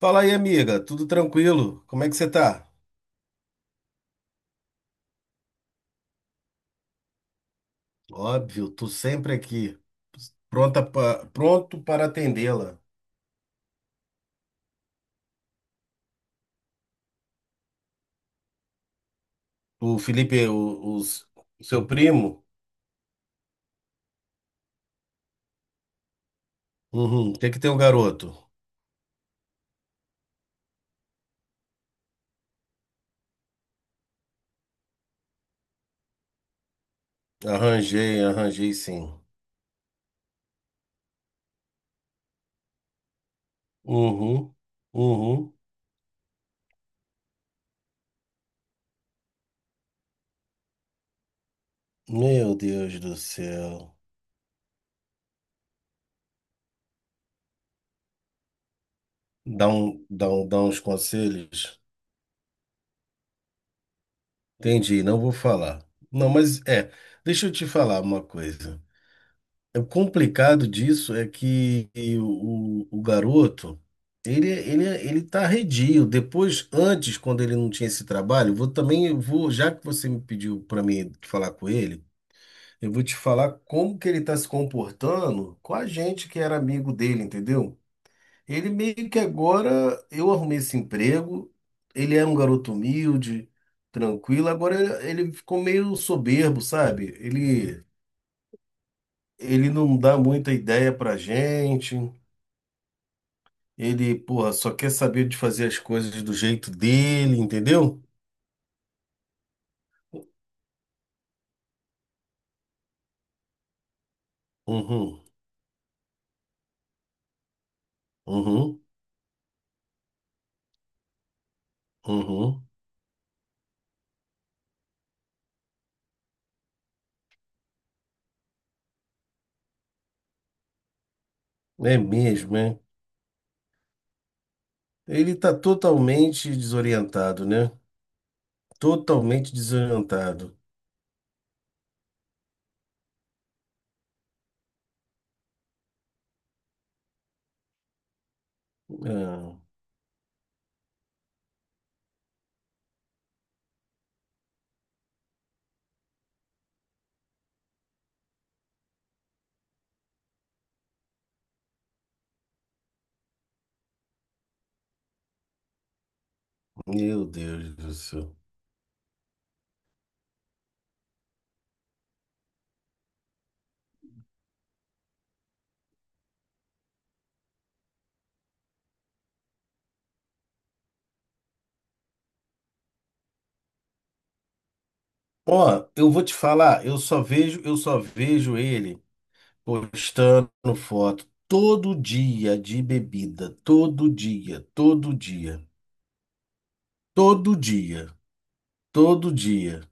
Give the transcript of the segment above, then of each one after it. Fala aí, amiga, tudo tranquilo? Como é que você tá? Óbvio, tô sempre aqui, pronto para atendê-la. O Felipe, o, os- o seu primo? Uhum. Tem que ter um garoto. Arranjei sim. Uhum, uhum. Meu Deus do céu. Dá uns conselhos? Entendi, não vou falar. Não, mas é, deixa eu te falar uma coisa. O complicado disso é que o garoto, ele tá arredio. Depois, antes, quando ele não tinha esse trabalho, vou também, eu vou, já que você me pediu para mim falar com ele, eu vou te falar como que ele tá se comportando com a gente que era amigo dele, entendeu? Ele meio que agora, eu arrumei esse emprego, ele era um garoto humilde, tranquilo, agora ele ficou meio soberbo, sabe? Ele não dá muita ideia pra gente. Ele, porra, só quer saber de fazer as coisas do jeito dele, entendeu? Uhum, uhum, uhum. É mesmo, é. Ele tá totalmente desorientado, né? Totalmente desorientado. Ah, meu Deus do céu. Ó, eu vou te falar, eu só vejo ele postando foto todo dia de bebida, todo dia, todo dia, todo dia. Todo dia.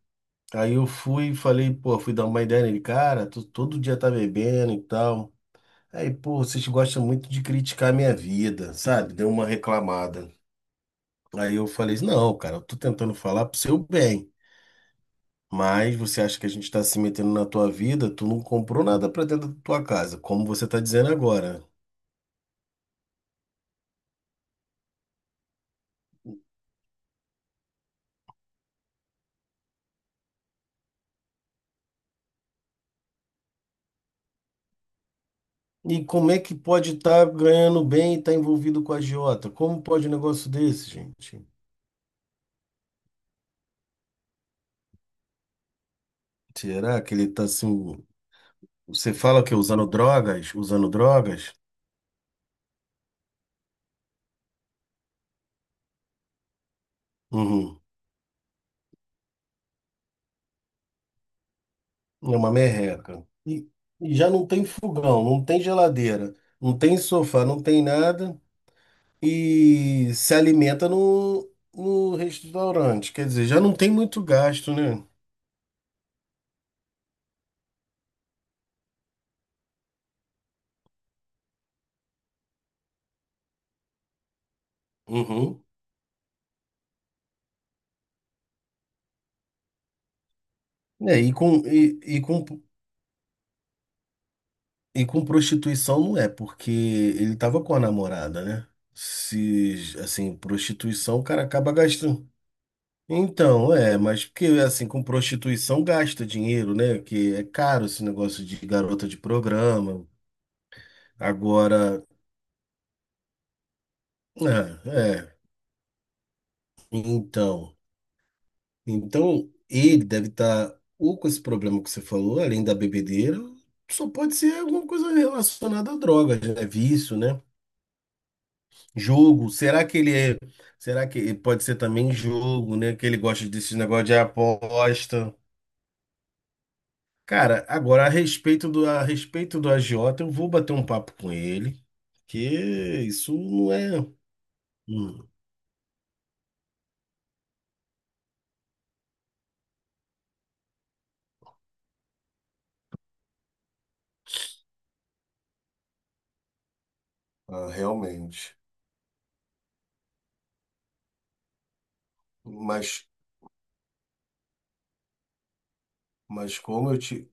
Aí eu fui e falei, pô, fui dar uma ideia nele, cara, tu todo dia tá bebendo e tal. Aí, pô, vocês gostam muito de criticar a minha vida, sabe? Deu uma reclamada. Aí eu falei, não, cara, eu tô tentando falar pro seu bem, mas você acha que a gente tá se metendo na tua vida? Tu não comprou nada pra dentro da tua casa, como você tá dizendo agora. E como é que pode estar ganhando bem e tá envolvido com a agiota? Como pode um negócio desse, gente? Será que ele tá assim? Você fala que usando drogas, uhum, é uma merreca. E já não tem fogão, não tem geladeira, não tem sofá, não tem nada e se alimenta no restaurante. Quer dizer, já não tem muito gasto, né? Uhum. É, e com, e, e com, e com prostituição não é, porque ele tava com a namorada, né? Se, assim, prostituição, o cara acaba gastando. Então, é, mas porque assim, com prostituição gasta dinheiro, né? Que é caro esse negócio de garota de programa. Agora, é, é, então, então ele deve estar ou com esse problema que você falou, além da bebedeira, só pode ser alguma coisa relacionada a drogas, né? Vício, né? Jogo. Será que pode ser também jogo, né? Que ele gosta desse negócio de aposta. Cara, agora a respeito do agiota, eu vou bater um papo com ele, que isso não é. Hum. Ah, realmente. Mas, mas como eu te,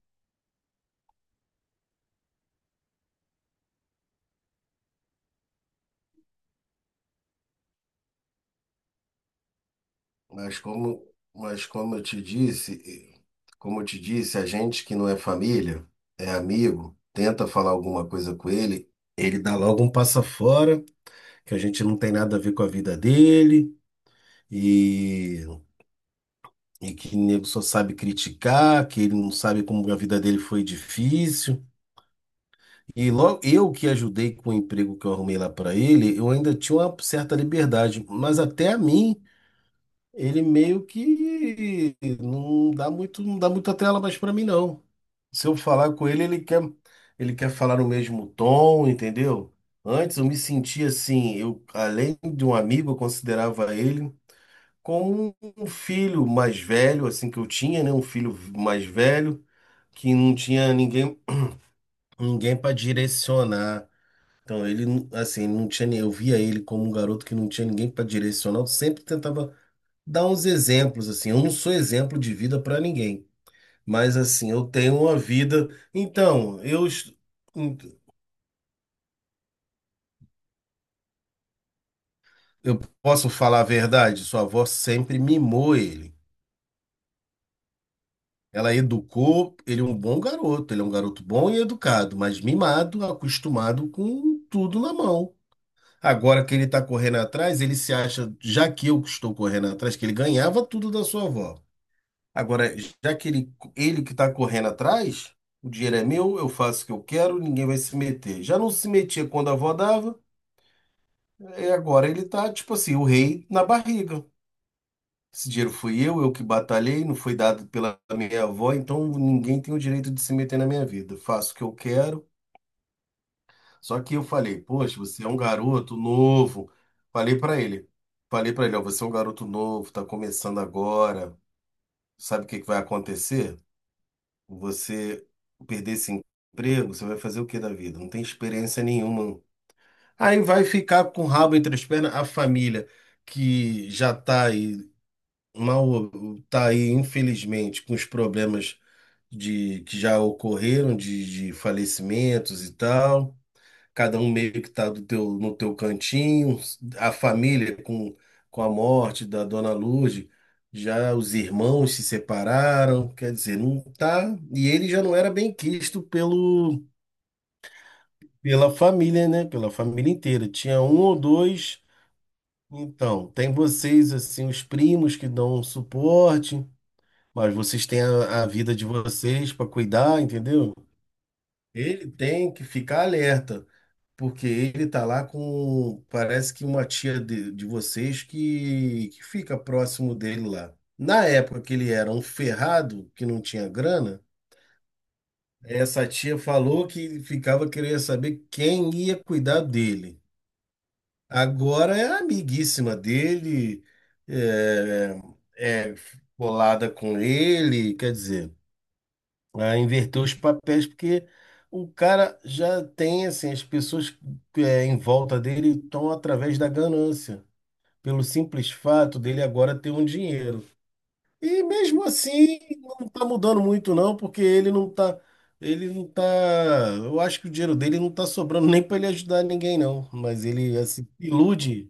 mas como, mas como eu te disse, como eu te disse, a gente que não é família, é amigo, tenta falar alguma coisa com ele. Ele dá logo um passa fora, que a gente não tem nada a ver com a vida dele, e E que o nego só sabe criticar, que ele não sabe como a vida dele foi difícil. E logo eu que ajudei com o emprego que eu arrumei lá para ele, eu ainda tinha uma certa liberdade, mas até a mim ele meio que não dá muito, não dá muita trela mais para mim não. Se eu falar com ele, ele quer falar no mesmo tom, entendeu? Antes eu me sentia assim, eu além de um amigo, eu considerava ele com um filho mais velho, assim que eu tinha, né? Um filho mais velho que não tinha ninguém, ninguém para direcionar. Então ele, não- assim, não tinha, nem- eu via ele como um garoto que não tinha ninguém para direcionar. Eu sempre tentava dar uns exemplos, assim. Eu não sou exemplo de vida para ninguém, mas assim, eu tenho uma vida. Então, eu, est- eu posso falar a verdade, sua avó sempre mimou ele. Ela educou, ele é um bom garoto, ele é um garoto bom e educado, mas mimado, acostumado com tudo na mão. Agora que ele está correndo atrás, ele se acha, já que eu estou correndo atrás, que ele ganhava tudo da sua avó. Agora, já que ele que está correndo atrás, o dinheiro é meu, eu faço o que eu quero, ninguém vai se meter. Já não se metia quando a avó dava, e agora ele está, tipo assim, o rei na barriga. Esse dinheiro fui eu que batalhei, não foi dado pela minha avó, então ninguém tem o direito de se meter na minha vida. Faço o que eu quero. Só que eu falei, poxa, você é um garoto novo. Falei pra ele, falei pra ele, ó, você é um garoto novo, tá começando agora. Sabe o que que vai acontecer? Você perder esse emprego, você vai fazer o que da vida? Não tem experiência nenhuma. Aí vai ficar com o rabo entre as pernas a família que já tá aí mal, tá aí infelizmente com os problemas de que já ocorreram de falecimentos e tal, cada um meio que está do teu, no teu cantinho, a família com a morte da Dona Lourdes, já os irmãos se separaram, quer dizer, não tá, e ele já não era bem quisto pelo pela família, né? Pela família inteira. Tinha um ou dois. Então, tem vocês assim, os primos que dão um suporte, mas vocês têm a vida de vocês para cuidar, entendeu? Ele tem que ficar alerta, porque ele tá lá com, parece que uma tia de vocês que fica próximo dele lá. Na época que ele era um ferrado, que não tinha grana, essa tia falou que ficava querendo saber quem ia cuidar dele. Agora é amiguíssima dele, é, é colada com ele, quer dizer. A inverter os papéis, porque o cara já tem assim, as pessoas é, em volta dele estão através da ganância, pelo simples fato dele agora ter um dinheiro. E mesmo assim não está mudando muito não, porque ele não tá, eu acho que o dinheiro dele não está sobrando nem para ele ajudar ninguém não, mas ele assim ilude.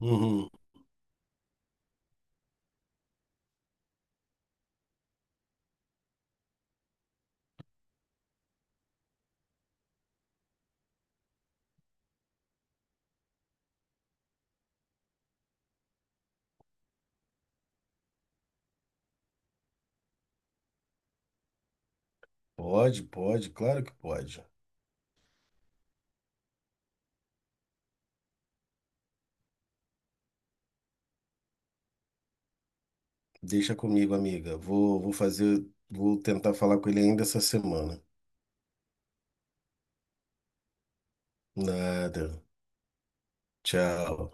Uhum. Pode, pode, claro que pode. Deixa comigo, amiga. Vou tentar falar com ele ainda essa semana. Nada. Tchau.